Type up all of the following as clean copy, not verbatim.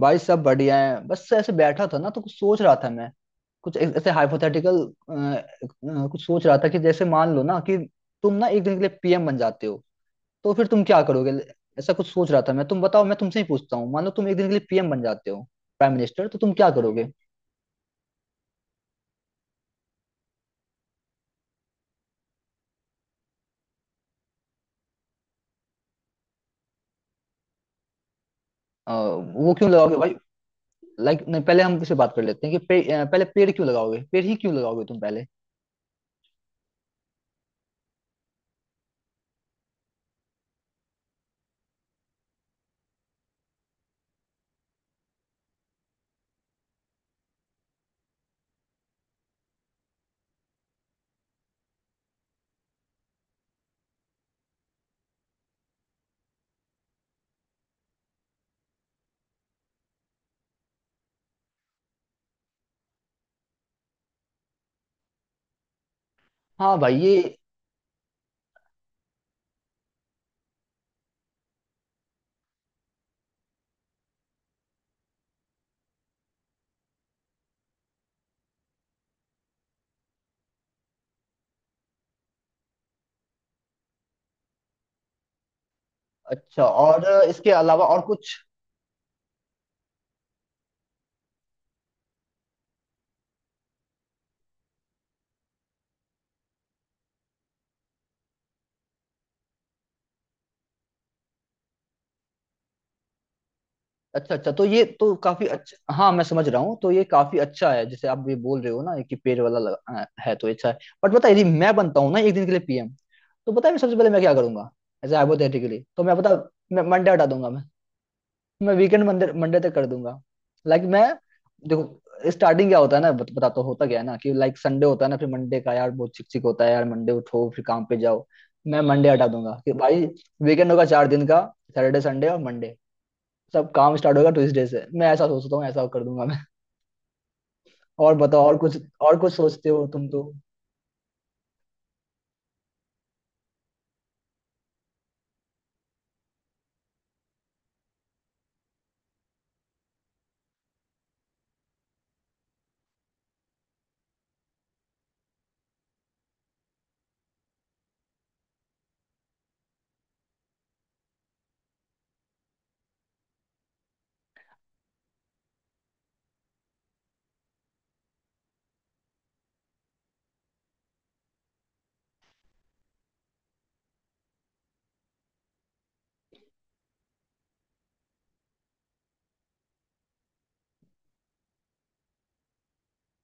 भाई सब बढ़िया है। बस ऐसे बैठा था ना, तो कुछ सोच रहा था मैं। कुछ ऐसे हाइपोथेटिकल कुछ सोच रहा था कि जैसे मान लो ना, कि तुम ना एक दिन के लिए पीएम बन जाते हो, तो फिर तुम क्या करोगे। ऐसा कुछ सोच रहा था मैं। तुम बताओ, मैं तुमसे ही पूछता हूँ, मान लो तुम एक दिन के लिए पीएम बन जाते हो, प्राइम मिनिस्टर, तो तुम क्या करोगे। वो क्यों लगाओगे भाई। लाइक नहीं, पहले हम किसी बात कर लेते हैं कि पहले पेड़ क्यों लगाओगे, पेड़ ही क्यों लगाओगे तुम पहले। हाँ भाई ये। अच्छा, और इसके अलावा और कुछ। अच्छा अच्छा, तो ये तो काफी अच्छा। हाँ मैं समझ रहा हूँ, तो ये काफी अच्छा है, जैसे आप भी बोल रहे हो ना कि पेड़ वाला लगा, है तो अच्छा है। बट बता, यदि मैं बनता हूँ ना एक दिन के लिए पीएम, तो पता है मैं सबसे पहले मैं क्या करूंगा। एज हाइपोथेटिकली, तो मैं पता, मैं मंडे हटा दूंगा। मैं वीकेंड मंडे मंडे तक कर दूंगा। लाइक मैं, देखो स्टार्टिंग क्या होता है ना, बताता हूँ, होता क्या है ना कि लाइक संडे होता है ना, फिर मंडे का यार बहुत चिक चिक होता है यार, मंडे उठो फिर काम पे जाओ। मैं मंडे हटा दूंगा कि भाई, वीकेंड होगा 4 दिन का। सैटरडे, संडे और मंडे, सब काम स्टार्ट होगा ट्यूसडे से। मैं ऐसा सोचता हूँ, ऐसा कर दूंगा मैं। और बताओ, और कुछ सोचते हो तुम तो।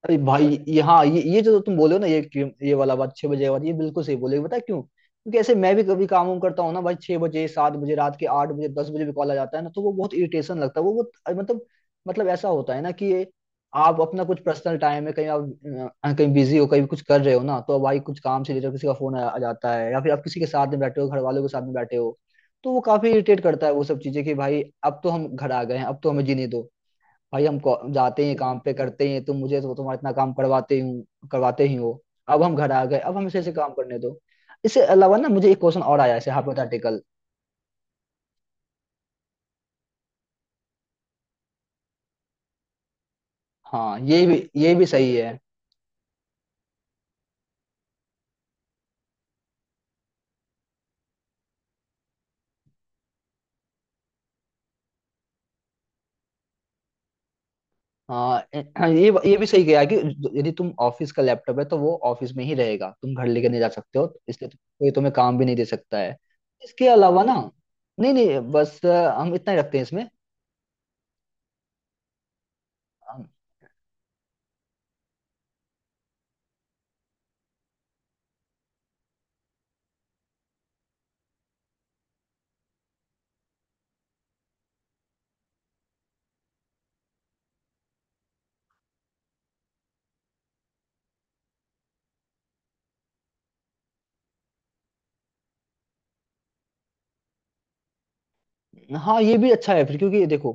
अरे भाई ये, हाँ, ये जो तुम बोले हो ना, ये क्यों- ये वाला बात 6 बजे वाली ये बिल्कुल सही बोले। बता क्यों, क्योंकि ऐसे मैं भी कभी काम वाम करता हूँ ना भाई, 6 बजे, 7 बजे, रात के 8 बजे, 10 बजे भी कॉल आ जाता है ना, तो वो बहुत इरिटेशन लगता है वो बहुत। मतलब मतलब ऐसा होता है ना कि ये, आप अपना कुछ पर्सनल टाइम है, कहीं आप कहीं बिजी हो, कहीं कुछ कर रहे हो ना, तो भाई कुछ काम से रिलेटेड किसी का फोन आ जाता है, या फिर आप किसी के साथ में बैठे हो, घर वालों के साथ में बैठे हो, तो वो काफी इरिटेट करता है वो सब चीजें। कि भाई अब तो हम घर आ गए हैं, अब तो हमें जीने दो। भाई जाते हैं काम पे, करते हैं। तुम मुझे तो तुम्हारा इतना काम करवाते हूँ, करवाते ही हो। अब हम घर आ गए, अब हम इसे ऐसे काम करने दो। इससे अलावा ना, मुझे एक क्वेश्चन और आया ऐसे हाइपोथेटिकल। हाँ ये भी, ये भी सही है। हाँ, ये भी सही गया कि यदि तुम ऑफिस का लैपटॉप है तो वो ऑफिस में ही रहेगा, तुम घर लेके नहीं जा सकते हो, इसलिए कोई तुम्हें काम भी नहीं दे सकता है। इसके अलावा ना, नहीं नहीं, बस हम इतना ही रखते हैं इसमें। हाँ ये भी अच्छा है फिर, क्योंकि देखो,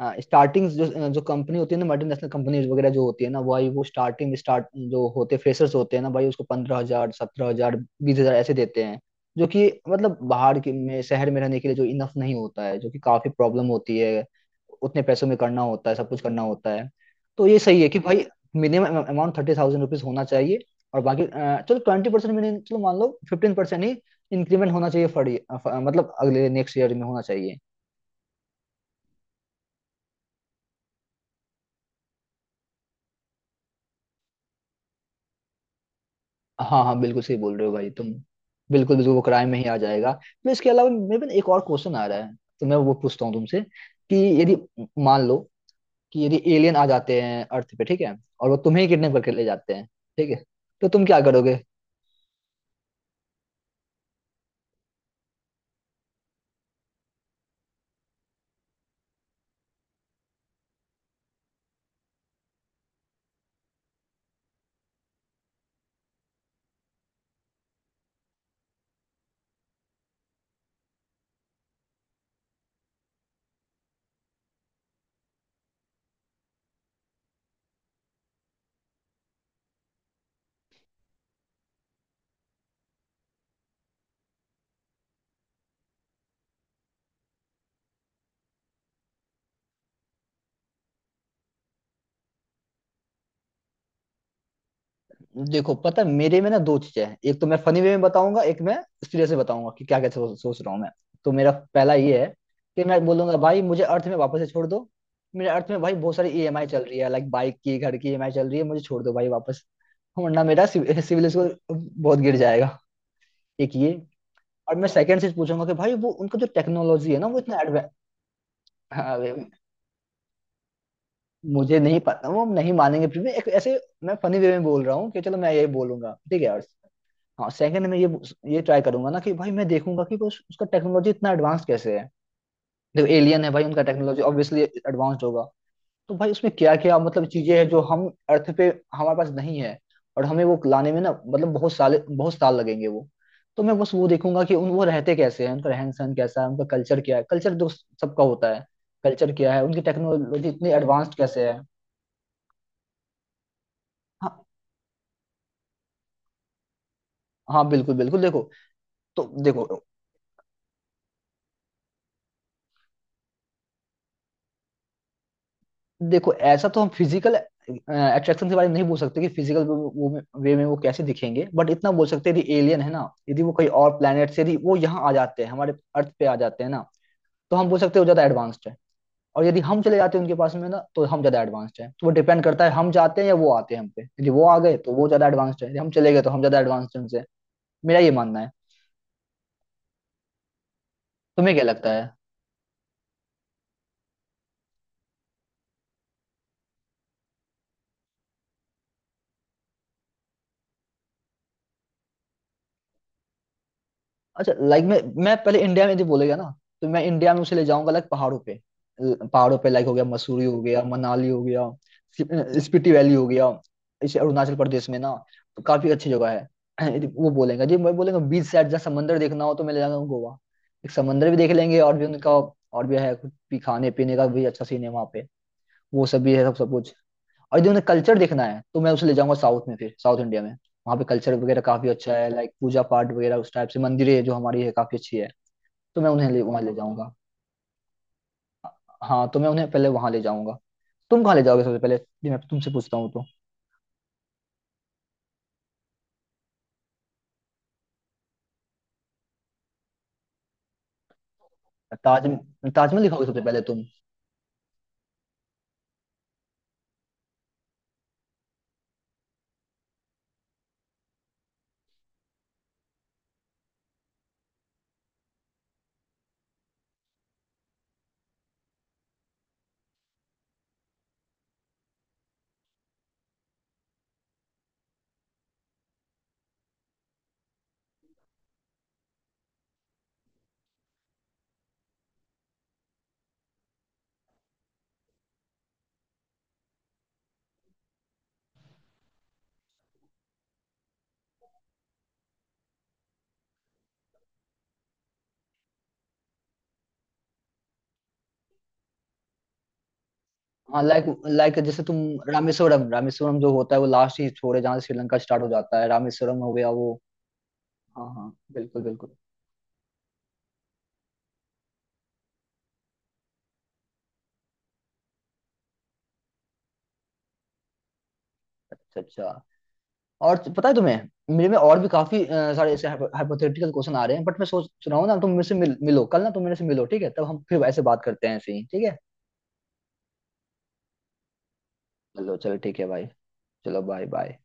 हाँ स्टार्टिंग, जो जो कंपनी होती है ना, मल्टीनेशनल कंपनीज वगैरह जो होती है ना भाई, वो स्टार्टिंग स्टार्ट जो होते, फ्रेशर्स होते हैं ना भाई, उसको 15 हजार, 17 हजार, 20 हजार ऐसे देते हैं, जो कि मतलब बाहर के में शहर में रहने के लिए जो इनफ नहीं होता है, जो कि काफी प्रॉब्लम होती है। उतने पैसों में करना होता है, सब कुछ करना होता है। तो ये सही है कि भाई मिनिमम अमाउंट 30,000 रुपीज होना चाहिए। और बाकी चलो 20% मिनिमम, चलो मान लो 15% ही इंक्रीमेंट होना चाहिए, मतलब अगले नेक्स्ट ईयर में होना चाहिए। हाँ हाँ, बिल्कुल सही बोल रहे हो भाई तुम। बिल्कुल बिल्कुल, वो क्राइम में ही आ जाएगा। मैं इसके अलावा मेरे पास एक और क्वेश्चन आ रहा है, तो मैं वो पूछता हूँ तुमसे कि यदि मान लो कि यदि एलियन आ जाते हैं अर्थ पे, ठीक है, और वो तुम्हें ही किडनैप करके ले जाते हैं, ठीक है, तो तुम क्या करोगे। देखो, पता है मेरे में ना दो चीजें हैं, एक तो मैं फनी वे में बताऊंगा, एक मैं सीरियस में बताऊंगा, कि क्या क्या सोच सोच रहा हूँ मैं। तो मेरा पहला ये है कि मैं बोलूंगा, भाई मुझे अर्थ में वापस से छोड़ दो। मेरे अर्थ में भाई बहुत सारी ईएमआई चल रही है, लाइक बाइक की, घर की ईएमआई चल रही है, मुझे छोड़ दो भाई वापस। वरना मेरा सिविल स्कोर बहुत गिर जाएगा। एक ये, और मैं सेकंड चीज पूछूंगा कि भाई वो उनका जो टेक्नोलॉजी है ना वो इतना एडवांस। हाँ मुझे नहीं पता वो नहीं मानेंगे फिर भी एक ऐसे, मैं फनी वे में बोल रहा हूँ कि चलो मैं यही बोलूंगा, ठीक है अर्थ। हाँ सेकंड में ये ट्राई करूंगा ना कि भाई मैं देखूंगा कि बस उसका टेक्नोलॉजी इतना एडवांस कैसे है। देखो एलियन है भाई, उनका टेक्नोलॉजी ऑब्वियसली एडवांस्ड होगा। तो भाई उसमें क्या क्या मतलब चीजें हैं जो हम अर्थ पे हमारे पास नहीं है, और हमें वो लाने में ना मतलब बहुत साल लगेंगे वो। तो मैं बस वो देखूंगा कि उन, वो रहते कैसे हैं, उनका रहन सहन कैसा है, उनका कल्चर क्या है, कल्चर तो सबका होता है। कल्चर क्या है, उनकी टेक्नोलॉजी इतनी एडवांस्ड कैसे है। हाँ हाँ बिल्कुल बिल्कुल। देखो तो देखो देखो, ऐसा तो हम फिजिकल अट्रैक्शन के बारे में नहीं बोल सकते कि फिजिकल वे में वो कैसे दिखेंगे, बट इतना बोल सकते हैं यदि एलियन है ना, यदि वो कहीं और प्लेनेट से यदि वो यहाँ आ जाते हैं, हमारे अर्थ पे आ जाते हैं ना, तो हम बोल सकते हैं वो ज्यादा एडवांस्ड है। और यदि हम चले जाते हैं उनके पास में ना, तो हम ज्यादा एडवांस्ड हैं। तो वो डिपेंड करता है हम जाते हैं या वो आते हैं हम पे। यदि वो आ गए तो वो ज्यादा एडवांस्ड है, यदि हम चले गए तो हम ज्यादा एडवांस्ड हैं उनसे। मेरा ये मानना है। तुम्हें क्या लगता है। अच्छा लाइक, मैं पहले इंडिया में यदि बोलेगा ना, तो मैं इंडिया में उसे ले जाऊंगा, लाइक पहाड़ों पे, पहाड़ों पे लाइक, हो गया मसूरी, हो गया मनाली, हो गया स्पीति वैली, हो गया इसे अरुणाचल प्रदेश में ना, तो काफी अच्छी जगह है। यदि वो बोलेगा जी, मैं बोलेगा बीच साइड जहाँ समंदर देखना हो, तो मैं ले जाऊंगा गोवा। एक समंदर भी देख लेंगे, और भी उनका और भी है, कुछ भी खाने पीने का भी अच्छा सीन है वहाँ पे, वो सब भी है, सब सब कुछ। और यदि उन्हें कल्चर देखना है, तो मैं उसे ले जाऊंगा साउथ में, फिर साउथ इंडिया में वहाँ पे कल्चर वगैरह काफी अच्छा है, लाइक पूजा पाठ वगैरह, उस टाइप से मंदिरें जो हमारी है काफी अच्छी है। तो मैं उन्हें ले, वहाँ ले जाऊंगा। हाँ तो मैं उन्हें पहले वहाँ ले जाऊंगा। तुम कहाँ ले जाओगे सबसे पहले, ये मैं तुमसे पूछता हूँ तो। ताज, ताजमहल दिखाओगे सबसे पहले तुम। हाँ लाइक लाइक जैसे तुम, रामेश्वरम रामेश्वरम जो होता है वो लास्ट ही छोर है जहाँ से श्रीलंका स्टार्ट हो जाता है, रामेश्वरम हो गया वो। हाँ हाँ बिल्कुल बिल्कुल। अच्छा अच्छा, और पता है तुम्हें मेरे में और भी काफी सारे ऐसे हाइपोथेटिकल क्वेश्चन आ रहे हैं, बट मैं सोच रहा हूँ ना, तुम मेरे से मिलो कल ना, तुम मेरे से मिलो, ठीक है, तब हम फिर ऐसे बात करते हैं ऐसे ही, ठीक है। चलो चलो ठीक है भाई। चलो बाय बाय।